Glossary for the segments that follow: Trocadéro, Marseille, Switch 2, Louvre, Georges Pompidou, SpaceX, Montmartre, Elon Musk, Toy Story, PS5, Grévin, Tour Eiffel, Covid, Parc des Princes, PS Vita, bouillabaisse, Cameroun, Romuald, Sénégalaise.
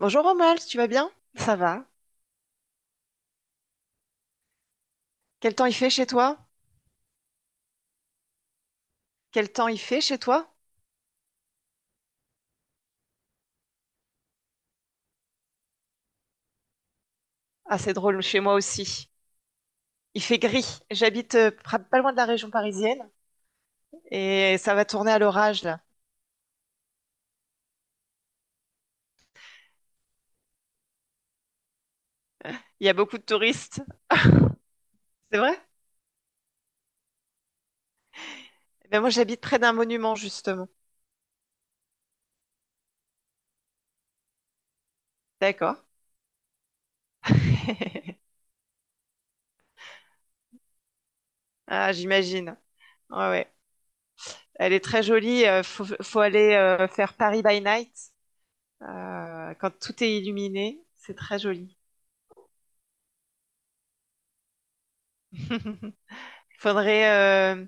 Bonjour Romuald, tu vas bien? Ça va. Quel temps il fait chez toi? Quel temps il fait chez toi? Ah, c'est drôle, chez moi aussi. Il fait gris. J'habite pas loin de la région parisienne et ça va tourner à l'orage là. Il y a beaucoup de touristes. C'est vrai? Ben moi j'habite près d'un monument justement. D'accord. Ah, j'imagine. Ouais, ouais. Elle est très jolie. Faut aller faire Paris by night quand tout est illuminé. C'est très joli. Faudrait,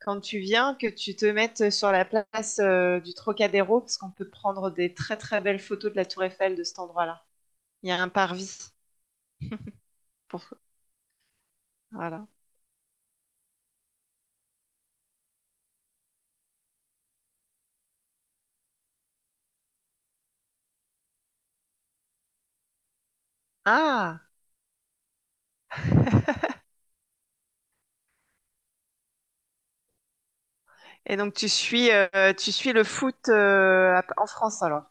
quand tu viens, que tu te mettes sur la place du Trocadéro, parce qu'on peut prendre des très très belles photos de la Tour Eiffel de cet endroit-là. Il y a un parvis. Pour... Voilà. Ah! Et donc tu suis le foot en France alors.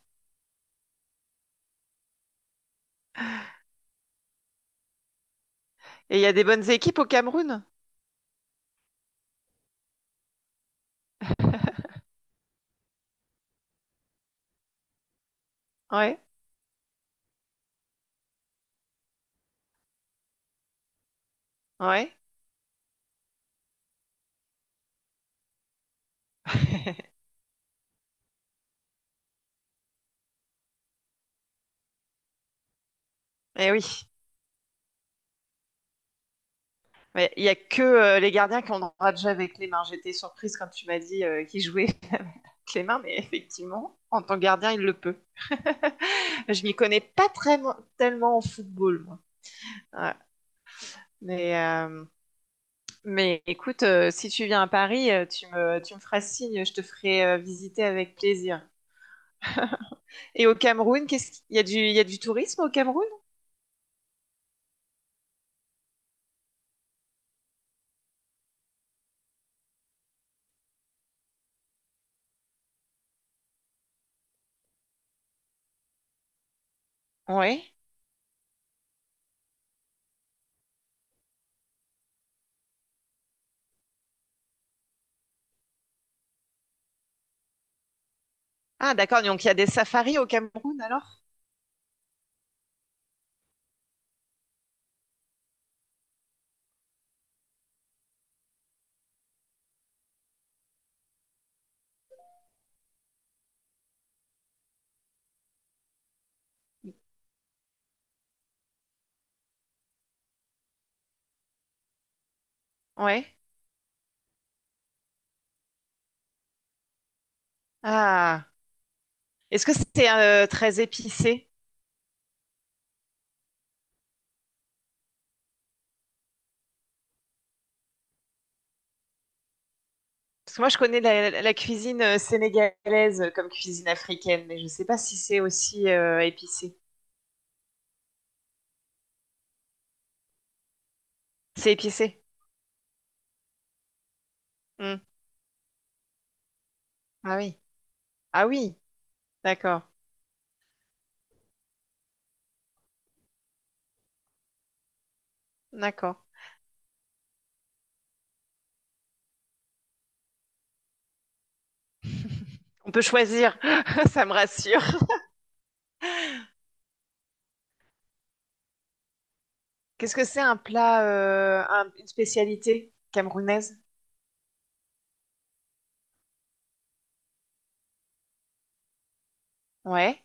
Et il y a des bonnes équipes au Cameroun? Ouais, ouais. Eh oui. Mais il y a que les gardiens qui ont le droit de jouer avec les mains. J'étais surprise quand tu m'as dit qu'ils jouaient avec les mains, mais effectivement, en tant que gardien, il le peut. Je m'y connais pas très, tellement en football, moi. Ouais. Mais, euh, mais écoute, si tu viens à Paris, tu me feras signe, je te ferai visiter avec plaisir. Et au Cameroun, qu'est-ce qu'il y a du, il y a du tourisme au Cameroun? Oui. Ah, d'accord. Donc, il y a des safaris au Cameroun alors? Oui. Ah. Est-ce que c'est très épicé? Parce que moi, je connais la cuisine sénégalaise comme cuisine africaine, mais je ne sais pas si c'est aussi épicé. C'est épicé. Hmm. Ah oui. Ah oui. D'accord. D'accord. On peut choisir. Ça me rassure. Qu'est-ce que c'est un plat, une spécialité camerounaise? Ouais.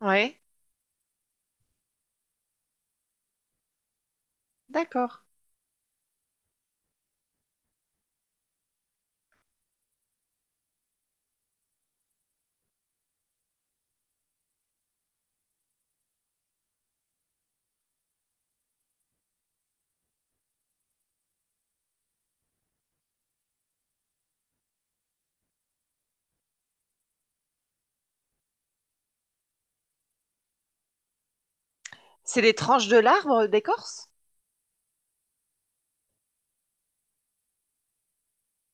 Ouais. D'accord. C'est les tranches de l'arbre d'écorce?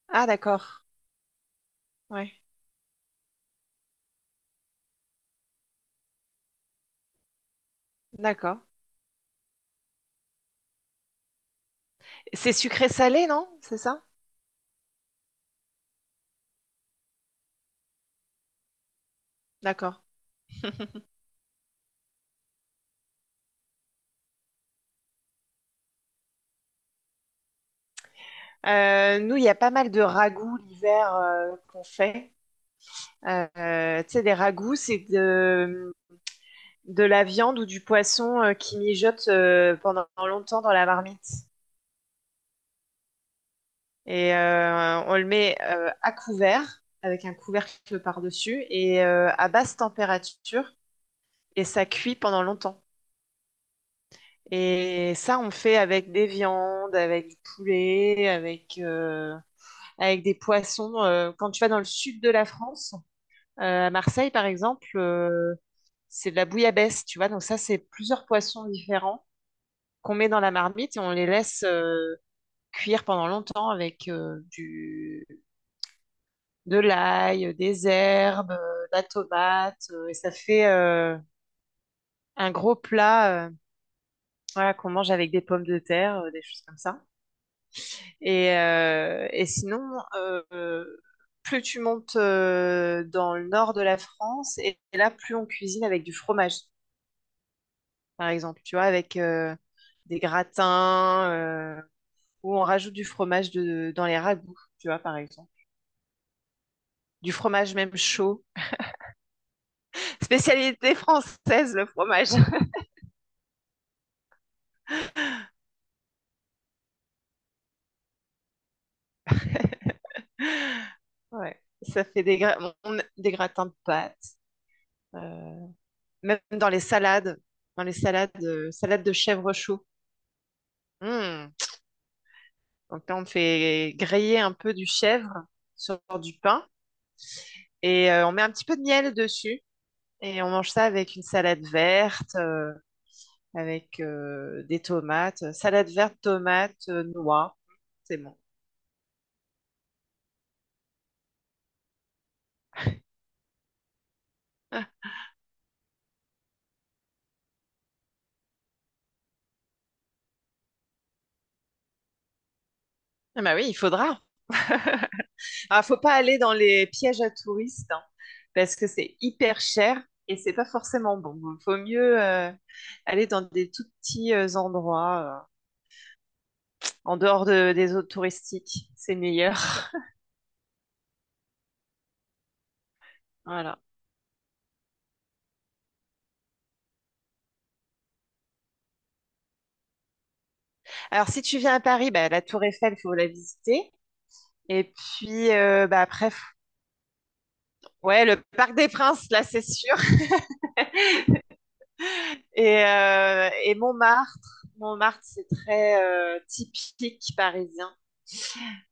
Ah d'accord. Ouais. D'accord. C'est sucré-salé, non? C'est ça? D'accord. Nous, il y a pas mal de ragoûts l'hiver qu'on fait. Tu sais, des ragoûts, de la viande ou du poisson qui mijote pendant longtemps dans la marmite. Et on le met à couvert, avec un couvercle par-dessus, et à basse température, et ça cuit pendant longtemps. Et ça, on fait avec des viandes, avec du poulet, avec des poissons. Quand tu vas dans le sud de la France, à Marseille, par exemple, c'est de la bouillabaisse, tu vois. Donc ça, c'est plusieurs poissons différents qu'on met dans la marmite et on les laisse cuire pendant longtemps avec du de l'ail, des herbes, de la tomate. Et ça fait un gros plat voilà, qu'on mange avec des pommes de terre, des choses comme ça. Et sinon, euh, euh, plus tu montes dans le nord de la France, et là, plus on cuisine avec du fromage. Par exemple, tu vois, avec des gratins ou on rajoute du fromage dans les ragoûts, tu vois, par exemple. Du fromage même chaud. Spécialité française, le fromage. Ouais, ça fait des gratins de pâtes. euh, Même dans les salades, salade de chèvre chaud. Hmm. Donc là, on fait griller un peu du chèvre sur du pain et on met un petit peu de miel dessus et on mange ça avec une salade verte. Avec des tomates, salade verte, tomates, noix. C'est bon. Ah, ah bah oui, il faudra. Ah, faut pas aller dans les pièges à touristes hein, parce que c'est hyper cher et c'est pas forcément bon. Bon, faut mieux aller dans des tout petits endroits en dehors des zones touristiques. C'est meilleur. Voilà. Alors si tu viens à Paris, bah, la Tour Eiffel, faut la visiter. Et puis bah, après, f- Ouais, le Parc des Princes, là, c'est sûr. Et Montmartre, Montmartre, c'est très typique parisien,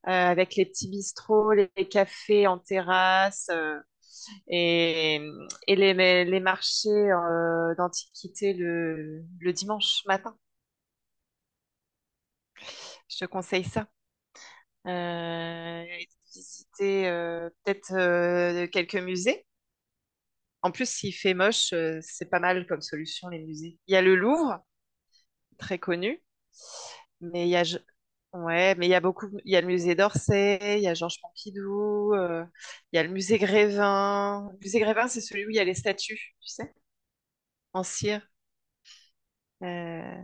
avec les petits bistrots, les cafés en terrasse et, et les marchés d'antiquité le dimanche matin. Je te conseille ça. Et visiter peut-être quelques musées. En plus, s'il fait moche, c'est pas mal comme solution, les musées. Il y a le Louvre, très connu. Mais il y a, je- Ouais, mais il y a beaucoup, il y a le musée d'Orsay, il y a Georges Pompidou, il y a le musée Grévin. Le musée Grévin, c'est celui où il y a les statues, tu sais, en cire. Euh,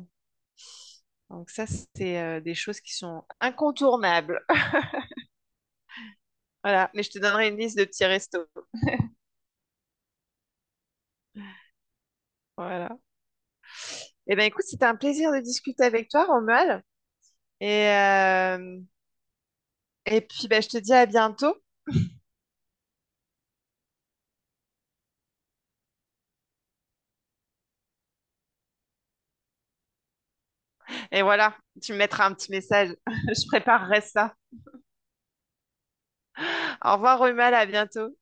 donc ça, c'est des choses qui sont incontournables. Voilà, mais je te donnerai une liste de petits restos. Voilà. Eh ben écoute, c'était un plaisir de discuter avec toi, Romuald. Et, euh, et puis, ben, je te dis à bientôt. Et voilà, tu me mettras un petit message. Je préparerai ça. Au revoir, Romuald, à bientôt.